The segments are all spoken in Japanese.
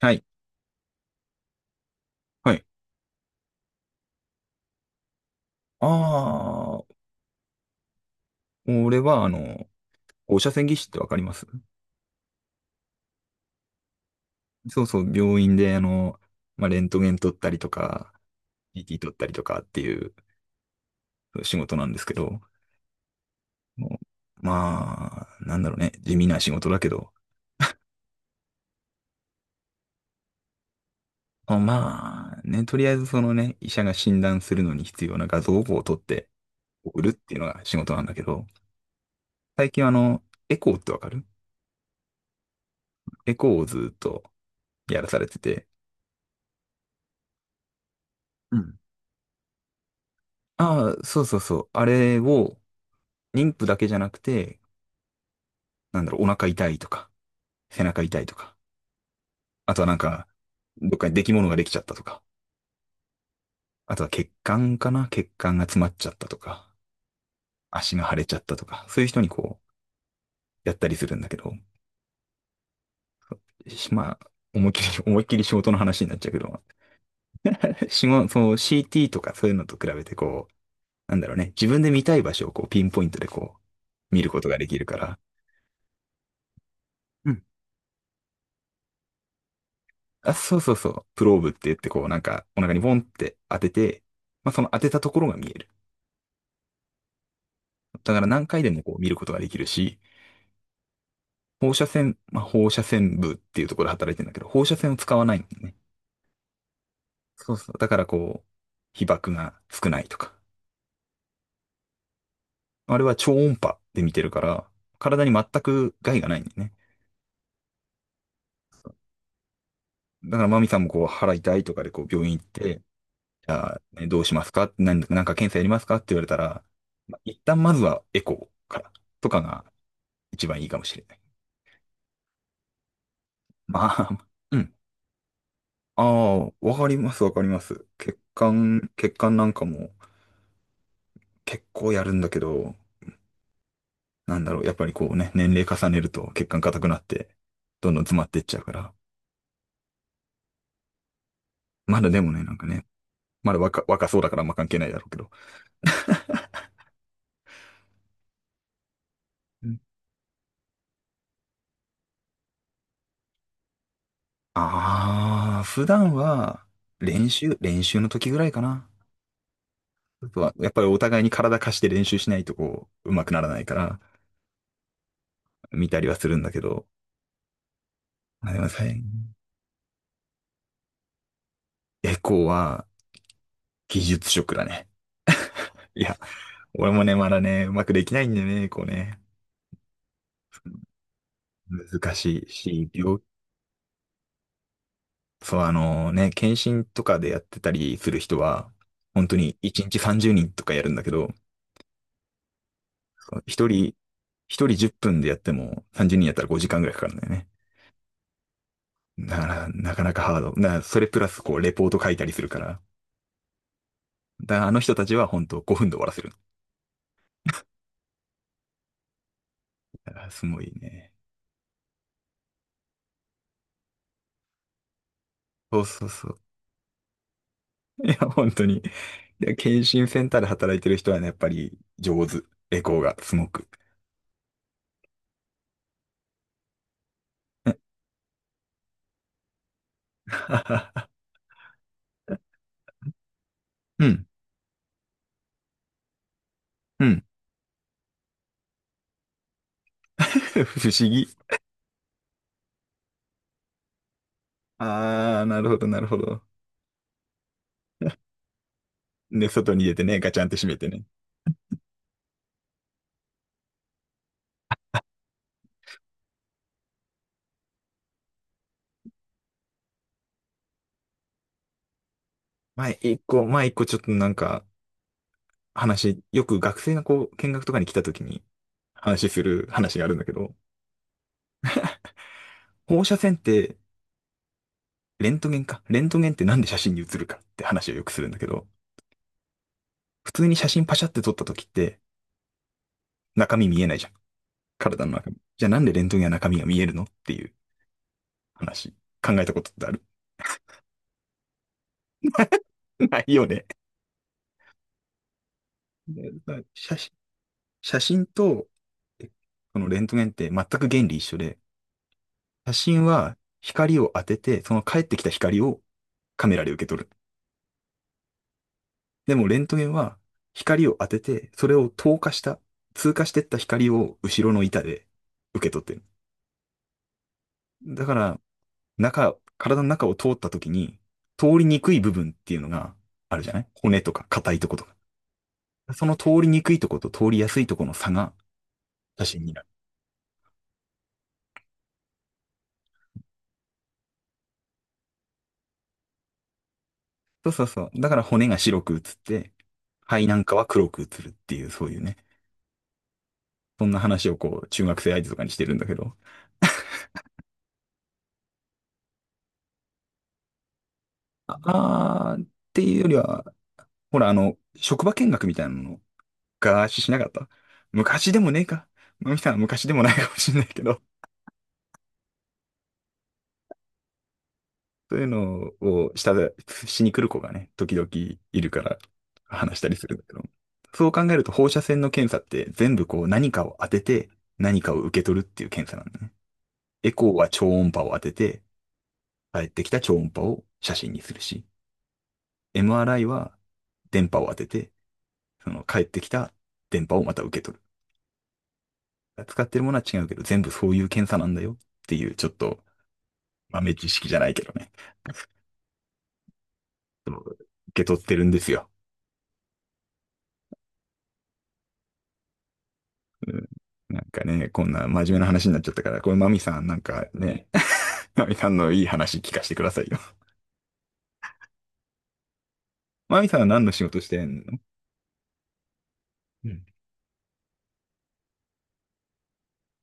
はい。はい。ああ、俺は、放射線技師ってわかります？そうそう、病院で、レントゲン撮ったりとか、CT 撮ったりとかっていう仕事なんですけど、もうまあ、なんだろうね、地味な仕事だけど、あ、まあ、ね、とりあえずそのね、医者が診断するのに必要な画像を撮って送るっていうのが仕事なんだけど、最近はエコーってわかる？エコーをずっとやらされてて、うん。ああ、そうそうそう。あれを、妊婦だけじゃなくて、なんだろう、お腹痛いとか、背中痛いとか、あとはなんか、どっかに出来物ができちゃったとか、あとは血管かな、血管が詰まっちゃったとか、足が腫れちゃったとか、そういう人にこう、やったりするんだけど、しまあ、思いっきり、思いっきり仕事の話になっちゃうけど、仕事、その CT とかそういうのと比べてこう、なんだろうね、自分で見たい場所をこう、ピンポイントでこう、見ることができるから、うん。あ、そうそうそう、プローブって言ってこう、なんか、お腹にボンって当てて、まあ、その当てたところが見える。だから何回でもこう見ることができるし、放射線、まあ、放射線部っていうところで働いてるんだけど、放射線を使わないんだよね。そうそう。だからこう、被曝が少ないとか。あれは超音波で見てるから、体に全く害がないんだよね。だからマミさんもこう、腹痛いとかでこう、病院行って、じゃあ、ね、どうしますか？何、なんか検査やりますか？って言われたら、まあ一旦まずはエコーからとかが一番いいかもしれない。まあ、うん。ああ、わかります、わかります。血管なんかも結構やるんだけど、なんだろう、やっぱりこうね、年齢重ねると血管硬くなって、どんどん詰まっていっちゃうから。まだでもね、なんかね、まだ若そうだからあんま関係ないだろうけど。ああー、普段は練習の時ぐらいかな。あとはやっぱりお互いに体貸して練習しないとこう、上手くならないから、見たりはするんだけど。まあでもさ、エコーは技術職だね。いや、俺もね、まだね、うまくできないんだよね、こうね。難しいし、そう、検診とかでやってたりする人は、本当に1日30人とかやるんだけど、一人、一人10分でやっても30人やったら5時間ぐらいかかるんだよね。だから、なかなかハード。だから、それプラスこう、レポート書いたりするから。だから、あの人たちは本当5分で終わらせる。だから、すごいね。そうそうそう。いや、本当に。いや、検診センターで働いてる人はね、やっぱり上手。エコーがすごく。はは、うん、うん。不思議。ああ、なるほど、なるほど。で、外に出てね、ガチャンって閉めてね。前一個ちょっとなんか話、よく学生がこう見学とかに来た時に話する話があるんだけど、放射線って、レントゲンか。レントゲンってなんで写真に写るかって話をよくするんだけど、普通に写真パシャって撮った時って中身見えないじゃん。体の中身。じゃあなんでレントゲンは中身が見えるのっていう話。考えたことってある？ ないよね。写真写真と、えこのレントゲンって全く原理一緒で、写真は光を当てて、その返ってきた光をカメラで受け取る。でもレントゲンは光を当てて、それを透過した、通過してった光を後ろの板で受け取ってる。だから、中、体の中を通った時に、通りにくい部分っていうのがあるじゃない？骨とか硬いとことか。その通りにくいとこと通りやすいとこの差が写真になる。そうそうそう。だから骨が白く映って、肺なんかは黒く映るっていう、そういうね。そんな話をこう、中学生相手とかにしてるんだけど。ああー、っていうよりは、ほら、職場見学みたいなの、ガーシしなかった？昔でもねえか。まみさんは昔でもないかもしれないけど、そういうのをした、しに来る子がね、時々いるから話したりするんだけど。そう考えると放射線の検査って全部こう何かを当てて何かを受け取るっていう検査なんだね。エコーは超音波を当てて、帰ってきた超音波を写真にするし、MRI は電波を当てて、その帰ってきた電波をまた受け取る。使ってるものは違うけど、全部そういう検査なんだよっていう、ちょっと豆知識じゃないけどね、受け取ってるんですよ。うん、なんかね、こんな真面目な話になっちゃったから、これマミさんなんかね、マミさんのいい話聞かせてくださいよ。マミさんは何の仕事してんの？うん。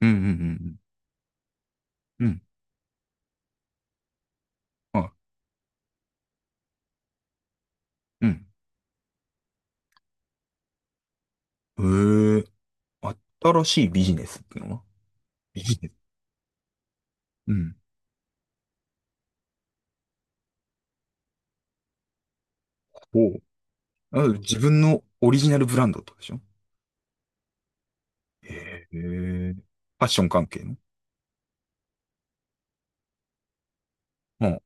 うんうんうんうん。うん。あ、うん。へえー、新しいビジネスってのは、ビジネス。うん。ほう。あ、自分のオリジナルブランドってことでしょ？へえ。ファッション関係の、うん。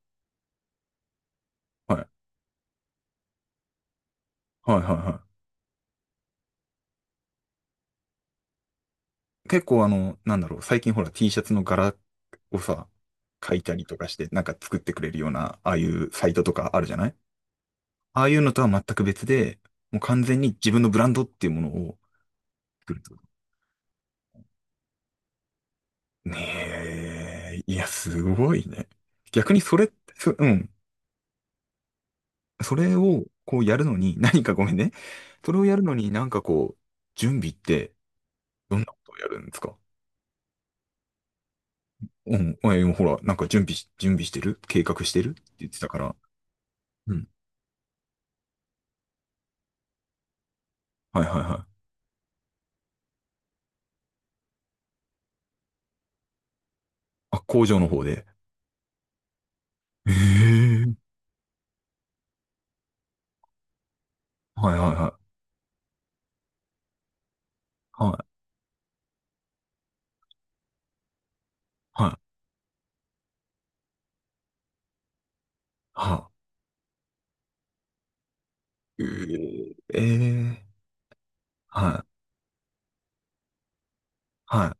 はい。はいはいはい。結構あの、なんだろう、最近ほら T シャツの柄をさ、描いたりとかして、なんか作ってくれるような、ああいうサイトとかあるじゃない？ああいうのとは全く別で、もう完全に自分のブランドっていうものを作るってことね。え、いや、すごいね。逆にそれ、そ、うん。それをこうやるのに、何か、ごめんね。それをやるのになんかこう、準備って、どんなことをやるんですか？うん。え、ほら、なんか準備してる計画してるって言ってたから。うん。はいはいはい。あ、工場の方で。ええ、はいはいはい。はい、はい、はい。ええ、え、はい、は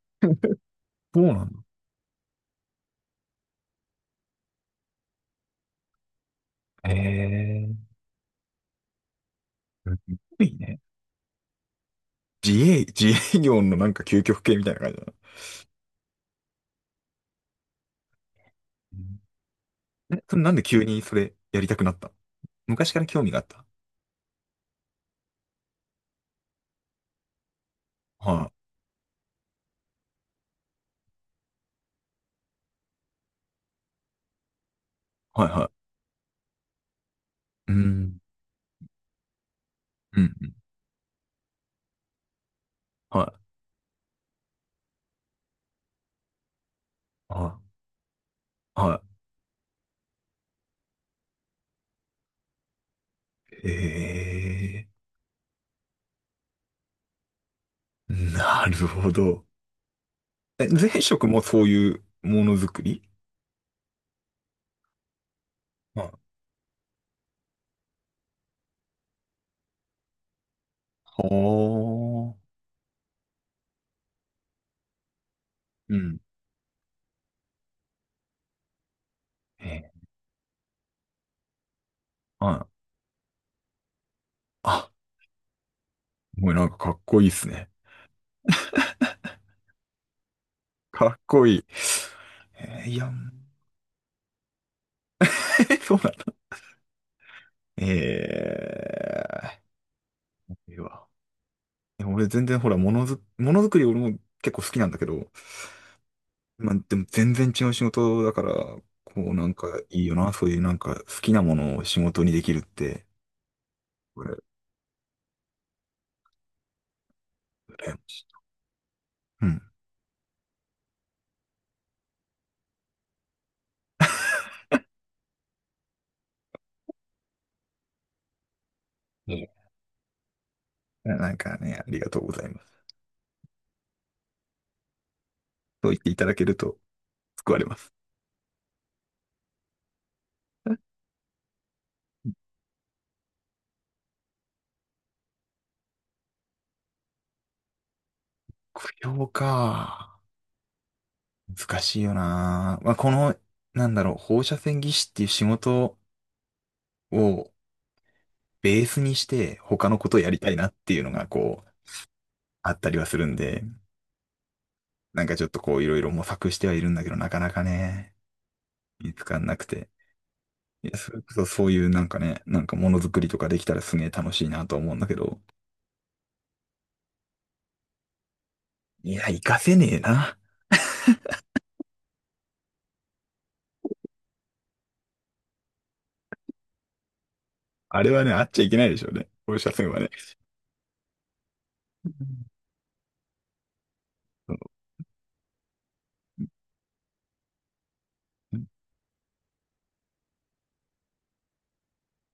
い。そうなんだ。ええ、すごいね。自営業のなんか究極系みたいな感じだな。うん、え、それなんで急にそれやりたくなった？昔から興味があった？はい、はい、はい。うん、うん、うん、はい、はい、はい。ええ、なるほど。え、前職もそういうものづくり？はい、はあ。うん。ええ、はい。あ、もうなんかかっこいいですね。かっこいい。えー、いや、そうなんだ。ええ、いいわ。でも俺全然ほら、ものづくり俺も結構好きなんだけど、まあでも全然違う仕事だから、こうなんかいいよな。そういうなんか好きなものを仕事にできるって、俺、羨ましい。うん。なんかね、ありがとうございます。そう言っていただけると救われます。供養か。難しいよな。まあ、この、なんだろう、放射線技師っていう仕事をベースにして他のことをやりたいなっていうのがこう、あったりはするんで、なんかちょっとこういろいろ模索してはいるんだけど、なかなかね、見つかんなくて。いや、それこそそういうなんかね、なんかものづくりとかできたらすげえ楽しいなと思うんだけど、いや、活かせねえな。あれはね、あっちゃいけないでしょうね。放射線はね。